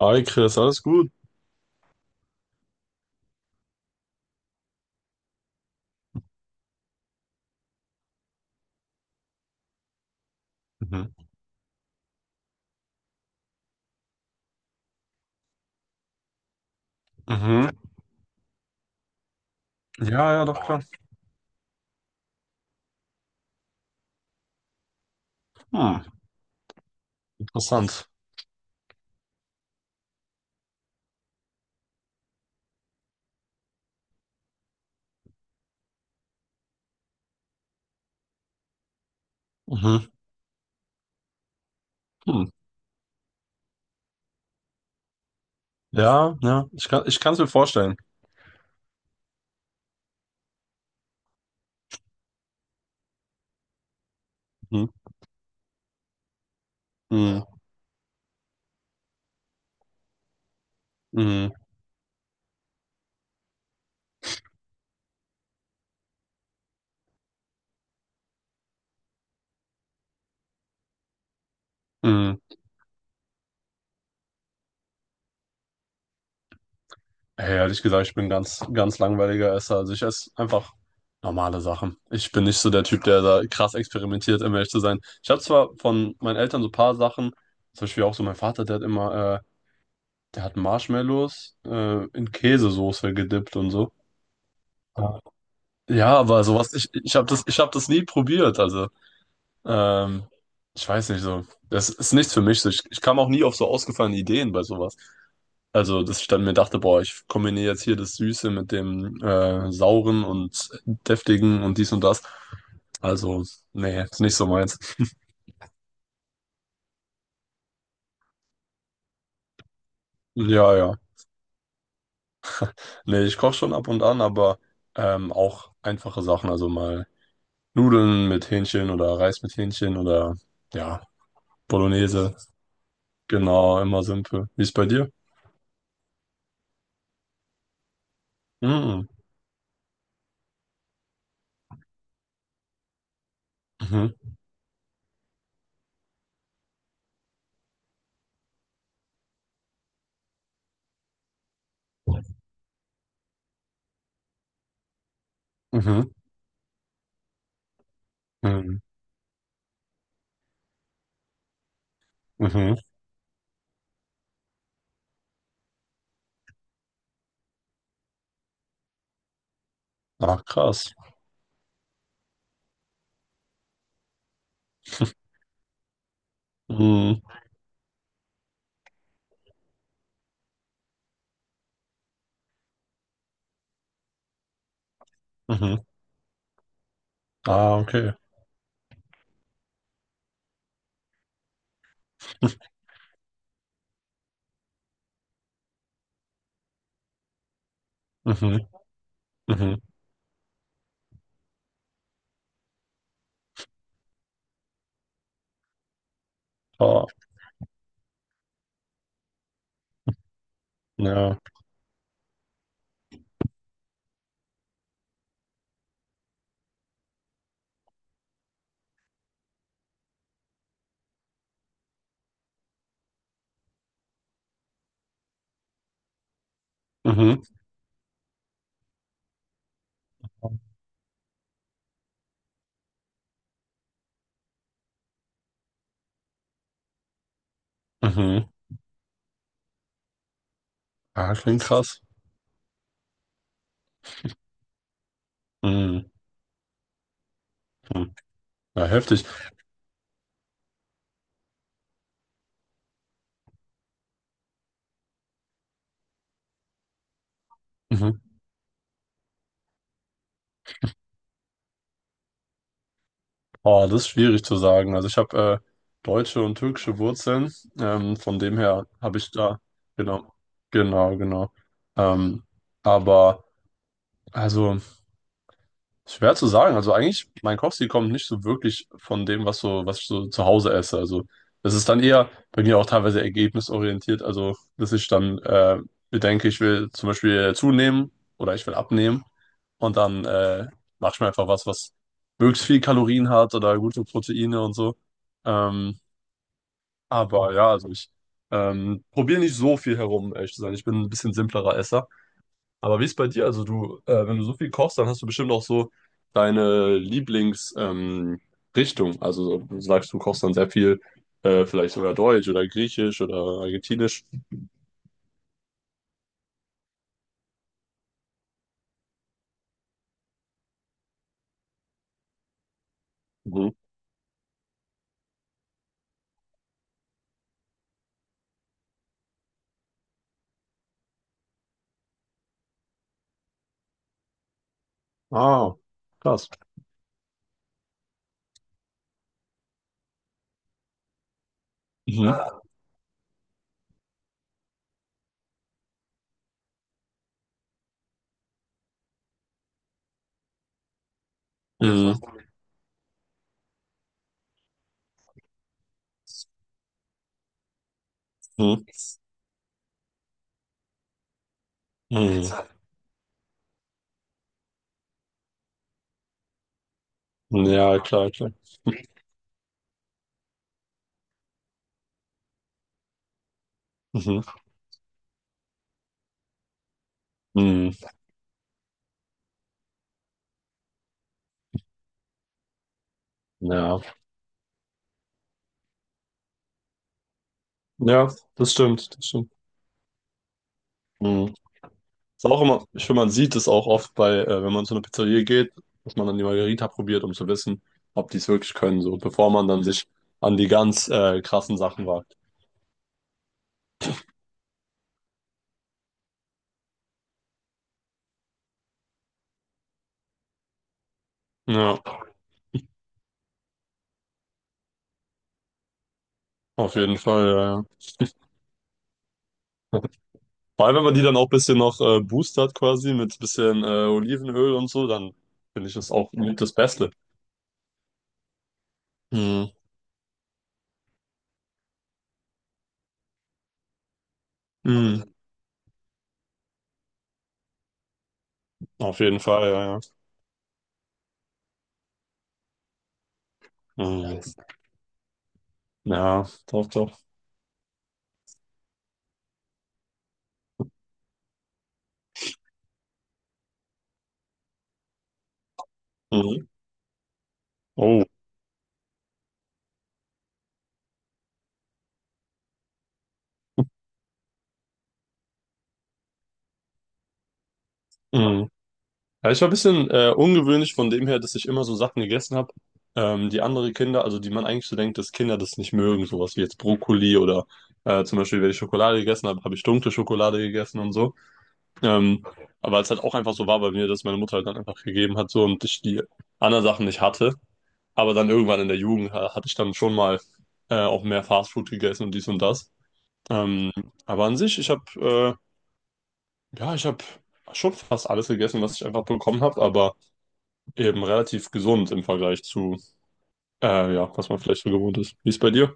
Hi Chris, alles gut? Mhm. Mhm. Ja, ja, doch klar. Hm. Interessant. Mhm. Hm. Ja, ja, ich kann es mir vorstellen. Mhm. Mhm. Mhm. Mhm. Hey, ehrlich gesagt, ich bin ganz, ganz langweiliger Esser. Also ich esse einfach normale Sachen. Ich bin nicht so der Typ, der da krass experimentiert, um ehrlich zu sein. Ich habe zwar von meinen Eltern so ein paar Sachen, zum Beispiel auch so mein Vater, der hat immer, der hat Marshmallows in Käsesoße gedippt und so. Ja, aber sowas, ich habe das, ich hab das nie probiert. Also, ähm, ich weiß nicht so. Das ist nichts für mich. So. Ich kam auch nie auf so ausgefallene Ideen bei sowas. Also, dass ich dann mir dachte, boah, ich kombiniere jetzt hier das Süße mit dem Sauren und Deftigen und dies und das. Also, nee, ist nicht so meins. Ja, ja. Nee, ich koche schon ab und an, aber auch einfache Sachen. Also mal Nudeln mit Hähnchen oder Reis mit Hähnchen oder ja, Bolognese. Genau, immer simpel. Wie ist bei dir? Mhm. Mhm. Mhm. Mhm. Mhm. Ach, krass. Mhm. Mhm. Ah, okay. Mhm. Mhm. Ah, ja. Mhm. Mhm. Ah, klingt krass. Mhm. Mhm. Ja, heftig. Mhm. Oh, das ist schwierig zu sagen. Also ich habe deutsche und türkische Wurzeln. Von dem her habe ich da, genau, genau, genau. Ähm, aber also. Schwer zu sagen. Also eigentlich, mein Kochstil kommt nicht so wirklich von dem, was so, was ich so zu Hause esse. Also es ist dann eher bei mir auch teilweise ergebnisorientiert. Also dass ich dann bedenke, ich will zum Beispiel zunehmen oder ich will abnehmen und dann mache ich mir einfach was, was möglichst viel Kalorien hat oder gute Proteine und so. Ähm, aber ja, also ich probiere nicht so viel herum, ehrlich zu sein. Ich bin ein bisschen simplerer Esser. Aber wie ist bei dir? Also du, wenn du so viel kochst, dann hast du bestimmt auch so deine Lieblings, Richtung. Also so- du sagst, du kochst dann sehr viel, vielleicht sogar Deutsch oder Griechisch oder Argentinisch. Mhm. Ah, krass. Mhm. Mhm. Mhm. Mhm. Ja, klar, klar. Mhm. Mhm. Ja. Ja, das stimmt, das stimmt. Mhm. Ist auch immer, ich finde, man sieht es auch oft bei, wenn man zu einer Pizzeria geht, dass man dann die Margherita probiert, um zu wissen, ob die es wirklich können, so, bevor man dann sich an die ganz krassen Sachen wagt. Ja, auf jeden Fall, ja. Ja. Vor allem, wenn man die dann auch ein bisschen noch boostert quasi mit ein bisschen Olivenöl und so, dann finde ich das auch mit das Beste. Mhm. Mhm. Auf jeden Fall, ja, ja. Mhm. Ja, doch, doch. Mhm. Oh. Mhm. Ja, ich war ein bisschen ungewöhnlich von dem her, dass ich immer so Sachen gegessen habe, die andere Kinder, also die man eigentlich so denkt, dass Kinder das nicht mögen, sowas wie jetzt Brokkoli oder zum Beispiel, wenn ich Schokolade gegessen habe, habe ich dunkle Schokolade gegessen und so. Ähm, aber es halt auch einfach so war bei mir, dass meine Mutter halt dann einfach gegeben hat so und ich die anderen Sachen nicht hatte. Aber dann irgendwann in der Jugend hatte ich dann schon mal auch mehr Fastfood gegessen und dies und das. Ähm, aber an sich, ich habe ja, ich habe schon fast alles gegessen, was ich einfach bekommen habe, aber eben relativ gesund im Vergleich zu, ja, was man vielleicht so gewohnt ist. Wie ist bei dir?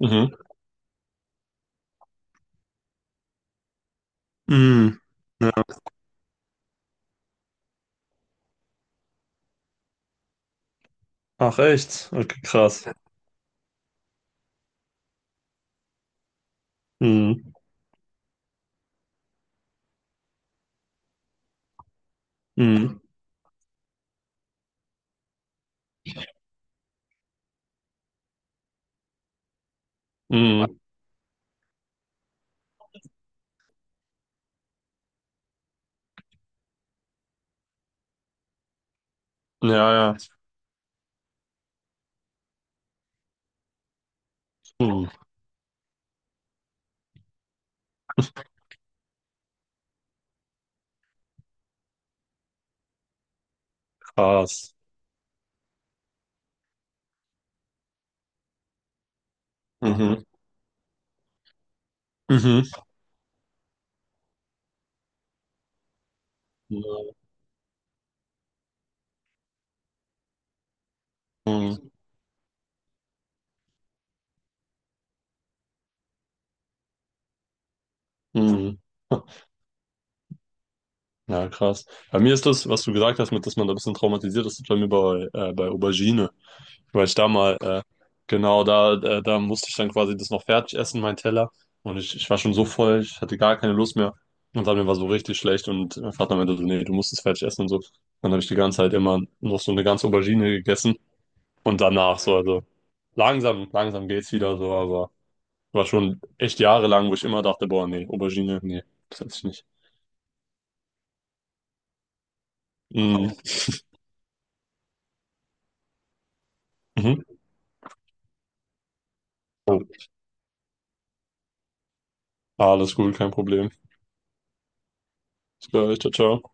Mhm. Mm. Ja. Ach echt? Okay, krass. Mm. Mm. Mhm. Ja, ja. Mhm. Krass. Mhm. Mhm. Mhm. Mhm. Ja, krass. Bei mir ist das, was du gesagt hast, mit, dass man da ein bisschen traumatisiert ist, das ist bei mir bei, bei Aubergine. Weil ich da mal, genau, da, da, da musste ich dann quasi das noch fertig essen, mein Teller. Und ich war schon so voll, ich hatte gar keine Lust mehr. Und dann mir war so richtig schlecht und mein Vater meinte so, nee, du musst es fertig essen und so. Dann habe ich die ganze Zeit immer noch so eine ganze Aubergine gegessen und danach so, also langsam, langsam geht's wieder so, aber war schon echt jahrelang, wo ich immer dachte, boah, nee, Aubergine, nee, das esse ich nicht. Mhm. Mhm. Oh, alles gut, kein Problem. Bis gleich, ciao, ciao.